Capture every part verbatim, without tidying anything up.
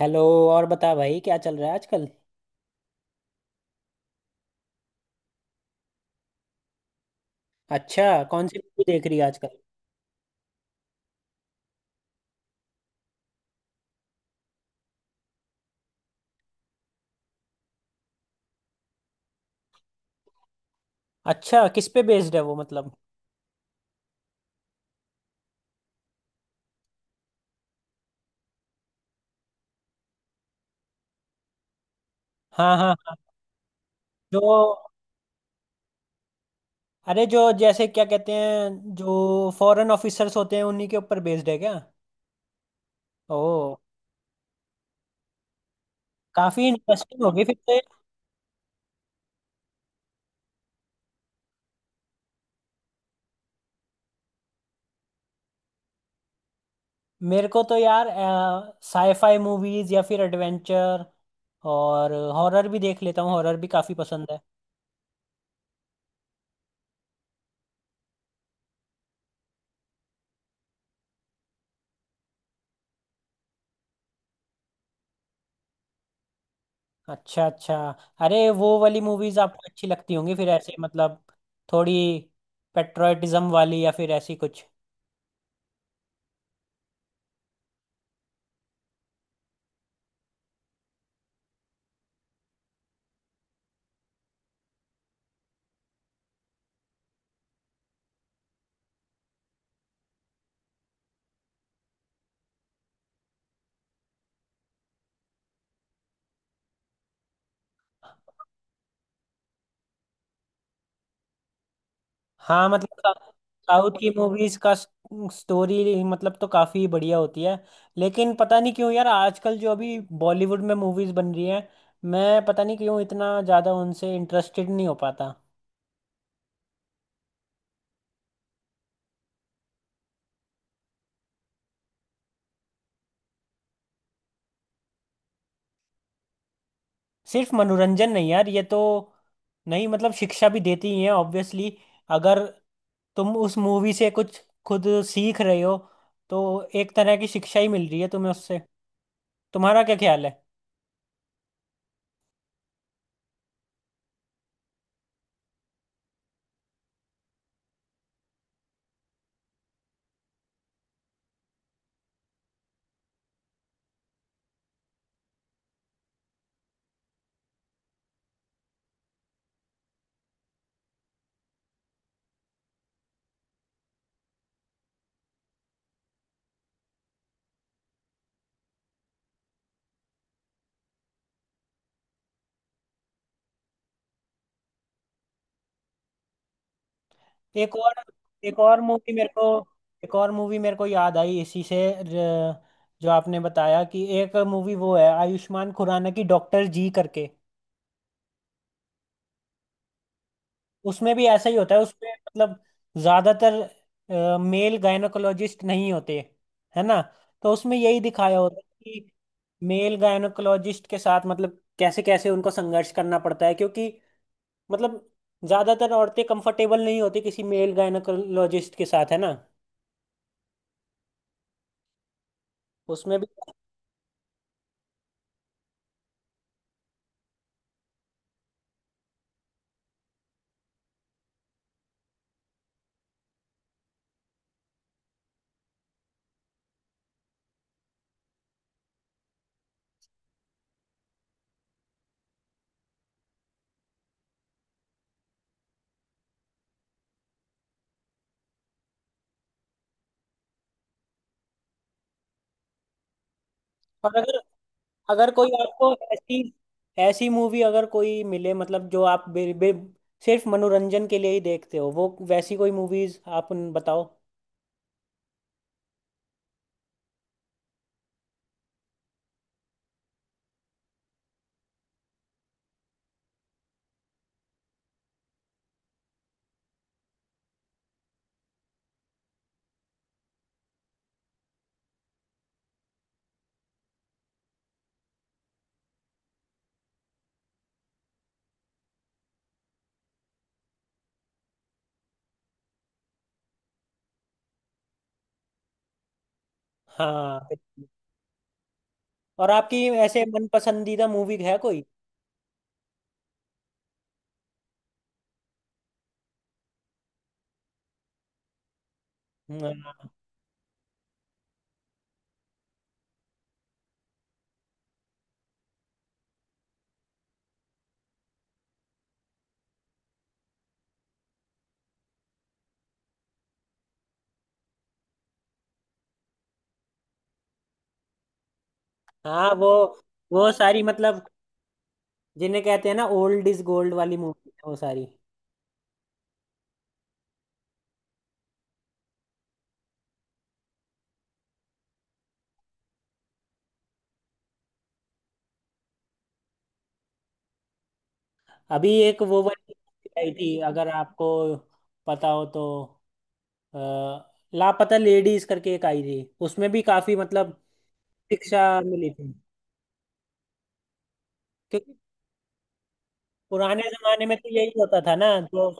Hello. और बता भाई, क्या चल रहा है आजकल? अच्छा। कौन सी मूवी देख रही है आजकल? अच्छा, किस पे बेस्ड है वो मतलब? हाँ हाँ हाँ। जो अरे जो जैसे क्या कहते हैं, जो फॉरेन ऑफिसर्स होते हैं उन्हीं के ऊपर बेस्ड है क्या? ओ। काफी इंटरेस्टिंग होगी फिर तो ये। मेरे को तो यार साईफाई मूवीज या फिर एडवेंचर। और हॉरर भी देख लेता हूँ, हॉरर भी काफी पसंद है। अच्छा अच्छा। अरे, वो वाली मूवीज आपको अच्छी लगती होंगी फिर ऐसे मतलब, थोड़ी पेट्रोटिज्म वाली या फिर ऐसी कुछ। हाँ मतलब। साउथ की मूवीज का स्टोरी मतलब तो काफी बढ़िया होती है। लेकिन पता नहीं क्यों यार, आजकल जो अभी बॉलीवुड में मूवीज बन रही हैं, मैं पता नहीं क्यों इतना ज्यादा उनसे इंटरेस्टेड नहीं हो पाता। सिर्फ मनोरंजन नहीं यार, ये तो, नहीं मतलब, शिक्षा भी देती ही है ऑब्वियसली। अगर तुम उस मूवी से कुछ खुद सीख रहे हो तो एक तरह की शिक्षा ही मिल रही है तुम्हें उससे। तुम्हारा क्या ख्याल है? एक और एक और मूवी मेरे को एक और मूवी मेरे को याद आई इसी से। र- जो आपने बताया कि एक मूवी वो है आयुष्मान खुराना की, डॉक्टर जी करके। उसमें भी ऐसा ही होता है उसमें मतलब, ज्यादातर मेल गायनोकोलॉजिस्ट नहीं होते, है ना? तो उसमें यही दिखाया होता है कि मेल गायनोकोलॉजिस्ट के साथ मतलब कैसे कैसे उनको संघर्ष करना पड़ता है, क्योंकि मतलब, ज्यादातर औरतें कंफर्टेबल नहीं होती किसी मेल गायनोकोलॉजिस्ट के साथ, है ना? उसमें भी। और अगर, अगर कोई आपको ऐसी, ऐसी मूवी अगर कोई मिले मतलब, जो आप बे, बे, सिर्फ मनोरंजन के लिए ही देखते हो, वो वैसी कोई मूवीज आप बताओ। हाँ। और आपकी ऐसे मन पसंदीदा मूवी है कोई? हाँ हाँ, वो वो सारी मतलब, जिन्हें कहते हैं ना ओल्ड इज गोल्ड वाली मूवी है वो सारी। अभी एक वो वाली आई थी, अगर आपको पता हो तो, अ, लापता लेडीज करके एक आई थी। उसमें भी काफी मतलब शिक्षा मिली थी। क्योंकि पुराने जमाने में तो यही होता था ना। तो,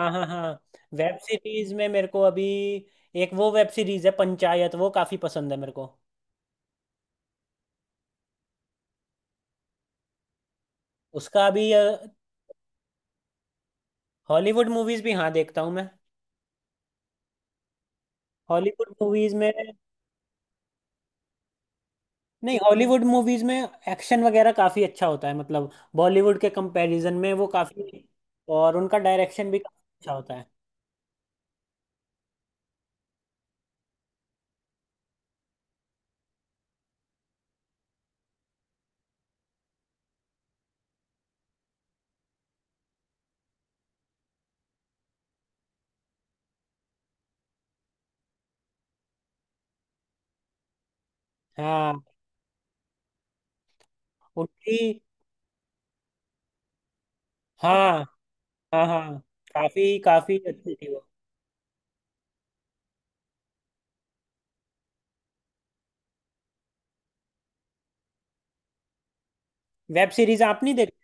हाँ हाँ हाँ। वेब सीरीज में मेरे को अभी एक वो वेब सीरीज है पंचायत, वो काफी पसंद है मेरे को। उसका अभी, हॉलीवुड मूवीज भी हाँ देखता हूँ मैं। हॉलीवुड मूवीज में, नहीं, हॉलीवुड मूवीज में एक्शन वगैरह काफी अच्छा होता है मतलब, बॉलीवुड के कंपैरिजन में वो काफी। और उनका डायरेक्शन भी काफी अच्छा होता है। हाँ। उनकी, हाँ हाँ, हाँ काफी काफी अच्छी थी वो। वेब सीरीज आप नहीं देखी?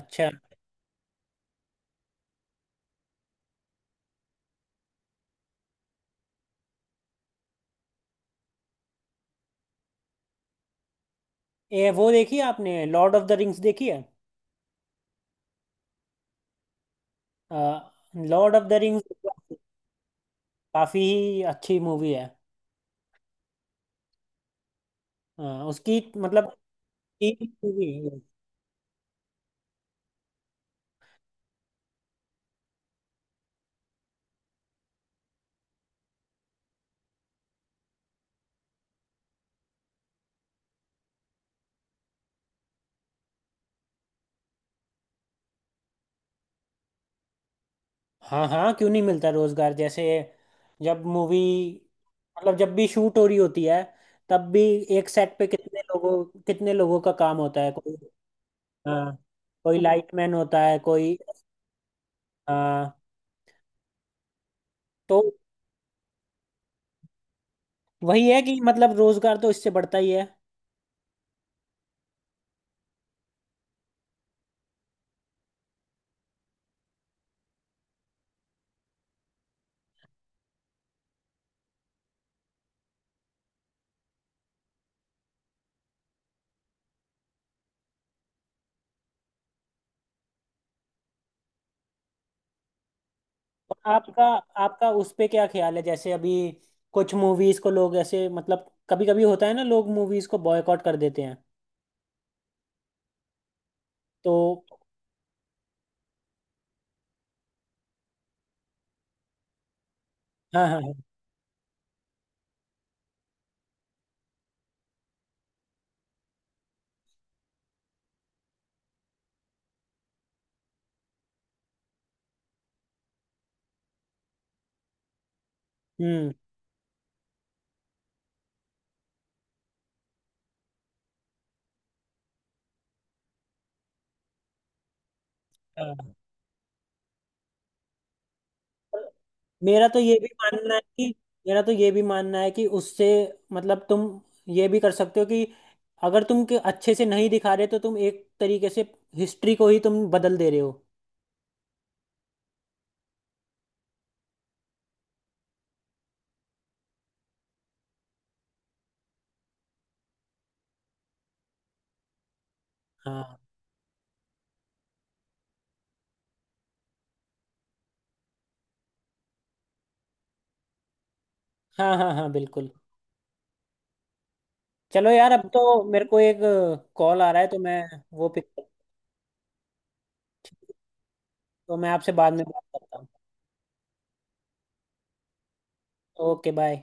अच्छा। ये वो देखी है आपने, लॉर्ड ऑफ द रिंग्स देखी है? लॉर्ड ऑफ द रिंग्स, काफी अच्छी मूवी है। अ, उसकी मतलब तीन मूवी। हाँ हाँ, क्यों नहीं मिलता रोजगार? जैसे जब मूवी मतलब जब भी शूट हो रही होती है, तब भी एक सेट पे कितने लोगों कितने लोगों का काम होता है, कोई, हाँ, कोई लाइटमैन होता है कोई, हाँ। तो वही है कि मतलब रोजगार तो इससे बढ़ता ही है। और आपका, आपका उस पे क्या ख्याल है? जैसे अभी कुछ मूवीज को लोग ऐसे मतलब, कभी कभी होता है ना, लोग मूवीज को बॉयकॉट कर देते हैं। तो, हाँ हाँ हाँ, हम्म, हाँ। मेरा तो ये भी मानना है कि मेरा तो ये भी मानना है कि उससे, मतलब तुम ये भी कर सकते हो कि अगर तुम के अच्छे से नहीं दिखा रहे तो तुम एक तरीके से हिस्ट्री को ही तुम बदल दे रहे हो। हाँ हाँ हाँ हाँ बिल्कुल। चलो यार, अब तो मेरे को एक कॉल आ रहा है तो मैं वो पिक तो मैं आपसे बाद में बात करता हूँ। Okay bye.